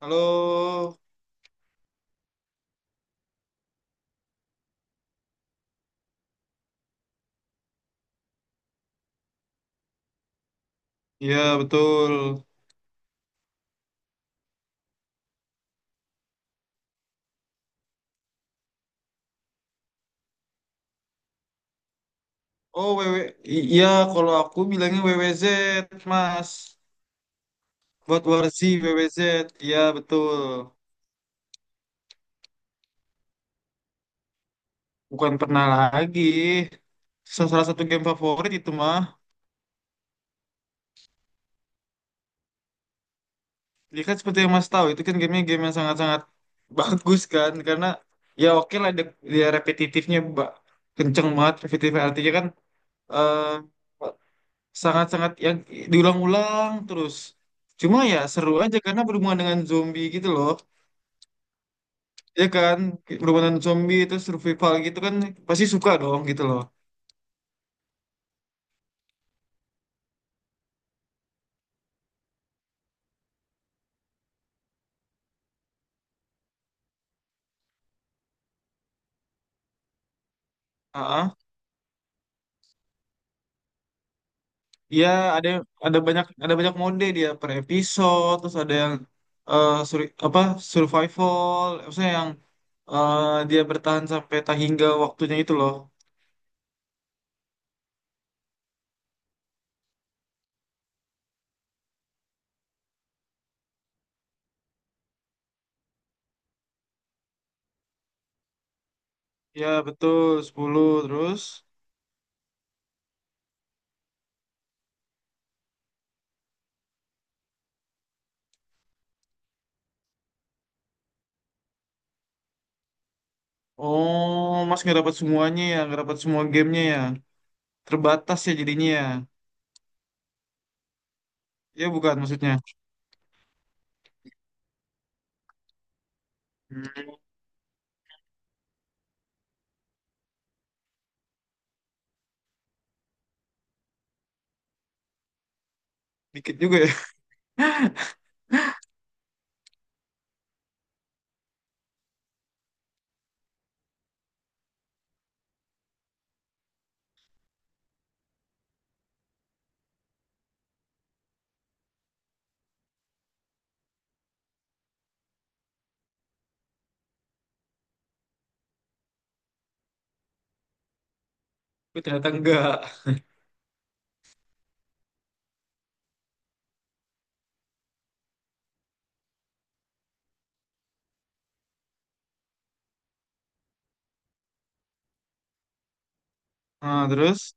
Halo, iya betul. Oh, W W, iya kalau aku bilangnya W W Z Mas. Buat Warzi W W Z, iya betul. Bukan pernah lagi. Salah satu game favorit itu mah. Ya kan seperti yang Mas tahu, itu kan gamenya game yang sangat-sangat bagus kan. Karena ya oke lah, dia dia repetitifnya kenceng banget. Repetitif artinya kan, eh, sangat-sangat yang diulang-ulang terus. Cuma ya seru aja karena berhubungan dengan zombie gitu loh. Ya kan, berhubungan dengan zombie itu survival gitu kan, pasti suka dong gitu loh. ah Ya ada ada banyak mode dia per episode, terus ada yang eh, suri- apa survival, maksudnya yang eh, dia bertahan sampai tak hingga waktunya itu loh. Ya betul, 10 terus. Oh, Mas nggak dapat semuanya ya, nggak dapat semua gamenya ya. Terbatas ya jadinya ya. Ya bukan maksudnya. Hmm, Dikit juga ya. Tapi ternyata enggak. Nah, terus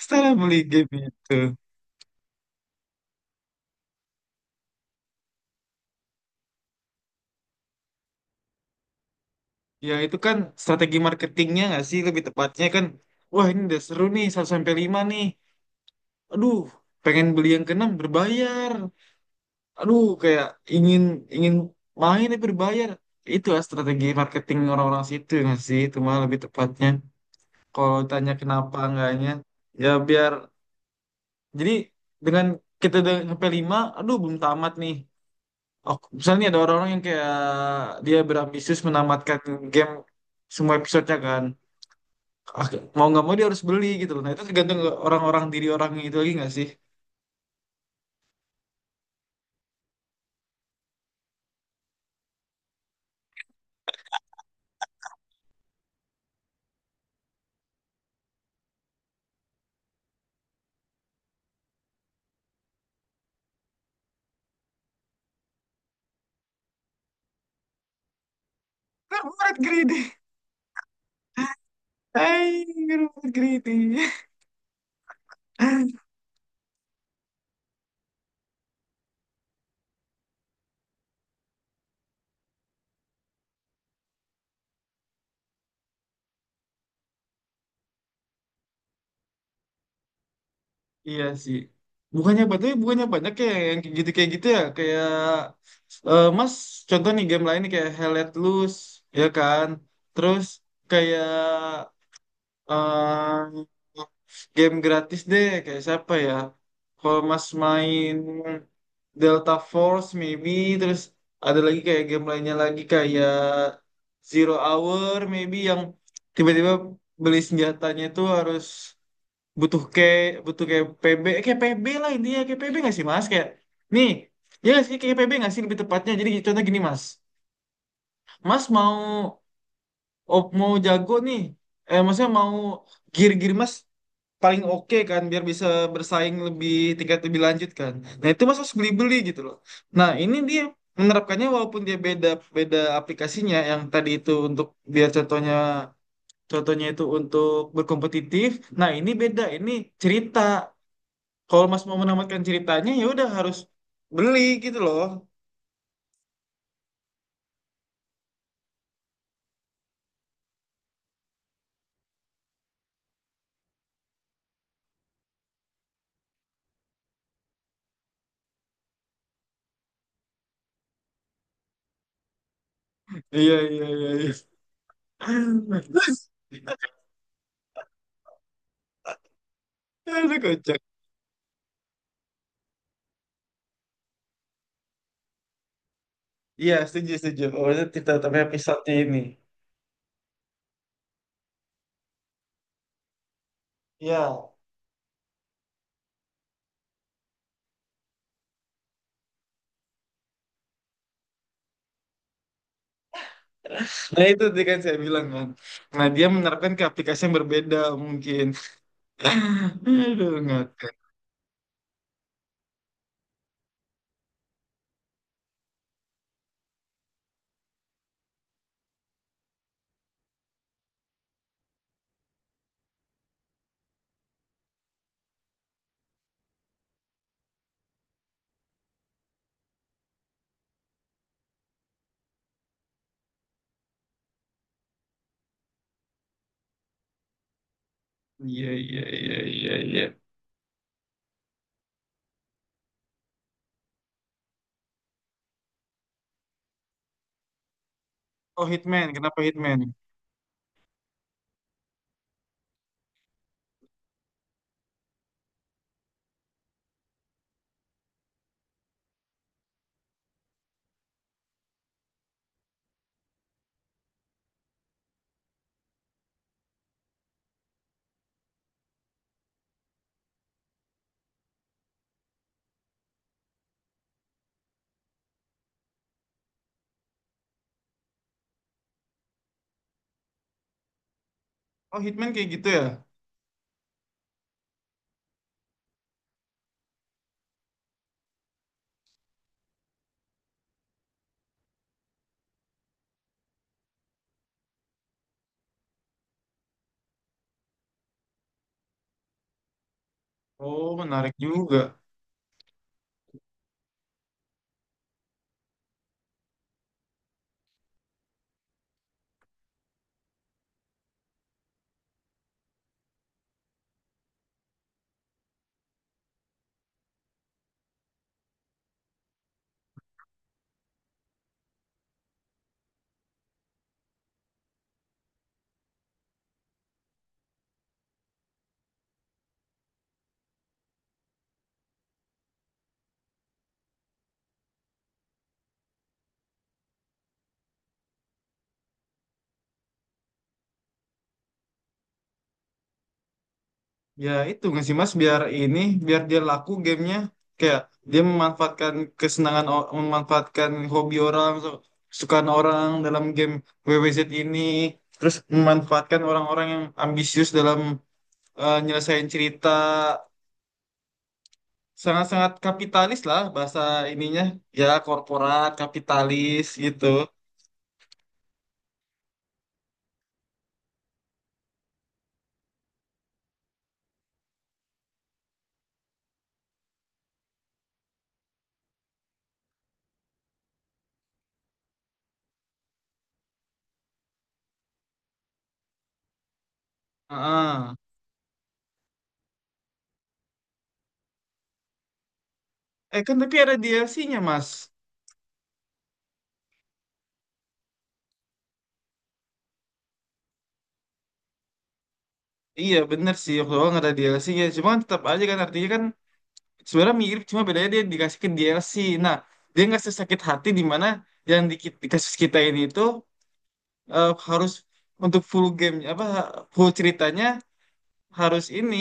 setelah beli game itu, ya itu kan strategi marketingnya nggak sih, lebih tepatnya kan, wah ini udah seru nih 1 sampai 5 nih. Aduh, pengen beli yang keenam berbayar. Aduh, kayak ingin ingin main tapi berbayar. Itu lah strategi marketing orang-orang situ nggak sih? Itu mah lebih tepatnya. Kalau tanya kenapa enggaknya, ya biar jadi dengan kita udah sampai lima, aduh belum tamat nih. Oh, misalnya nih ada orang-orang yang kayak dia berambisius menamatkan game semua episodenya kan. Ah, mau nggak mau dia harus beli gitu loh. Nah itu tergantung orang-orang diri orang itu lagi nggak sih? Corporate greedy. Hai, corporate greedy. Iya sih. Bukannya banyak kayak yang kayak gitu ya. Kayak, Mas, contoh nih game lain nih kayak Hell Let Loose, ya kan. Terus kayak, eh game gratis deh, kayak siapa ya? Kalau Mas main Delta Force maybe, terus ada lagi kayak game lainnya lagi kayak Zero Hour maybe, yang tiba-tiba beli senjatanya itu harus butuh kayak butuh kayak PB, kayak P B lah, intinya kayak P B nggak sih Mas, kayak nih, ya nggak sih kayak P B nggak sih lebih tepatnya. Jadi contoh gini Mas Mas mau mau jago nih, maksudnya mau gear-gear Mas paling oke kan biar bisa bersaing lebih tingkat lebih lanjut kan. Nah itu Mas harus beli-beli gitu loh. Nah ini dia menerapkannya walaupun dia beda beda aplikasinya yang tadi itu untuk biar contohnya contohnya itu untuk berkompetitif. Nah ini beda, ini cerita. Kalau Mas mau menamatkan ceritanya ya udah harus beli gitu loh. Iya, iya, iya. Iya. Aduh kocak. Iya, setuju setuju. Oh itu cerita tapi episode ini. Iya. Nah itu tadi kan saya bilang kan. Nah dia menerapkan ke aplikasi yang berbeda mungkin. Aduh ngakak. Iya, iya, iya, iya, iya. Oh Hitman, kenapa Hitman? Oh Hitman kayak gitu ya? Oh menarik juga. Ya itu nggak sih Mas, biar ini, biar dia laku gamenya, kayak dia memanfaatkan kesenangan memanfaatkan hobi orang kesukaan orang dalam game WWZ ini, terus memanfaatkan orang-orang yang ambisius dalam nyelesain cerita, sangat-sangat kapitalis lah bahasa ininya, ya korporat kapitalis gitu. Heeh. Kan tapi ada DLC-nya Mas. Iya bener sih, waktu awal ada DLC-nya, cuma kan tetap aja kan, artinya kan sebenarnya mirip, cuma bedanya dia dikasih ke DLC. Nah dia nggak sesakit hati di mana yang di kasus kita ini itu harus untuk full game, apa full ceritanya harus ini,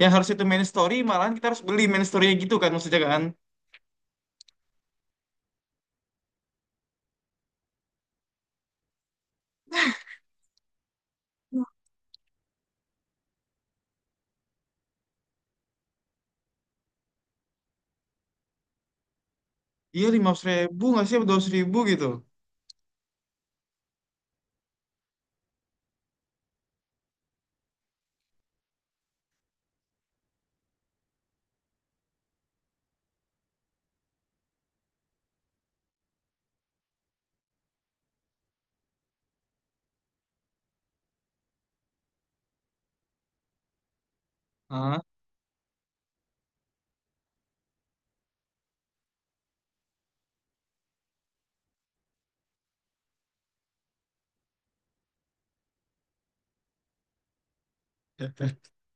yang harus itu main story, malahan kita harus beli main story gitu kan maksudnya kan. Iya 5.000 nggak sih, 2.000 gitu. Ah,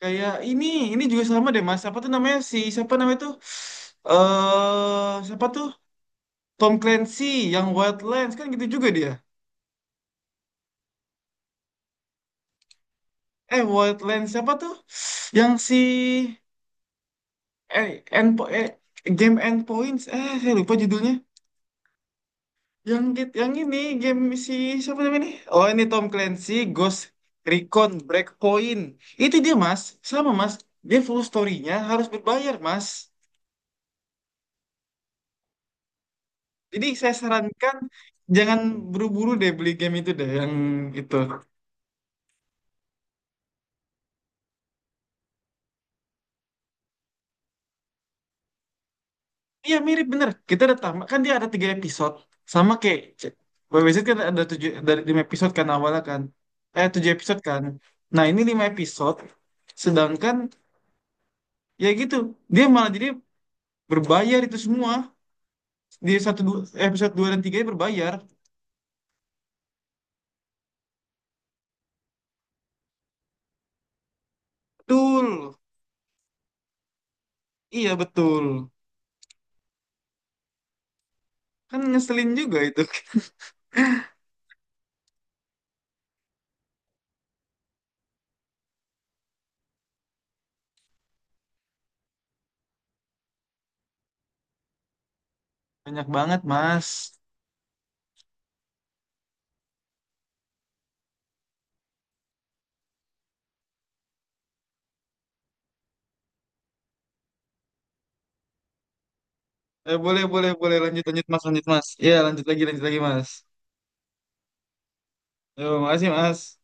kayak ini juga sama deh Mas. Apa tuh namanya si siapa namanya tuh? Eh, siapa tuh? Tom Clancy yang Wildlands kan gitu juga dia. Eh, Wildlands siapa tuh? Yang si eh, Endpo eh, game Endpoints. Eh, saya lupa judulnya. Yang ini game si siapa namanya nih? Oh, ini Tom Clancy Ghost Recon Breakpoint. Itu dia Mas, sama Mas. Dia full story-nya harus berbayar Mas. Jadi saya sarankan jangan buru-buru deh beli game itu deh yang itu. Iya mirip bener. Kita ada tamat kan, dia ada tiga episode sama kayak WWZ kan, ada tujuh dari lima episode kan awalnya kan. Eh tujuh episode kan. Nah ini lima episode. Sedangkan ya gitu dia malah jadi berbayar itu semua di satu dua, episode dua dan tiga ini berbayar. Betul. Iya betul. Kan ngeselin juga itu. Banyak banget Mas. Eh, boleh, boleh, boleh. Lanjut, lanjut, Mas. Lanjut, Mas. Iya, lanjut lagi, Mas. Yo, makasih, Mas.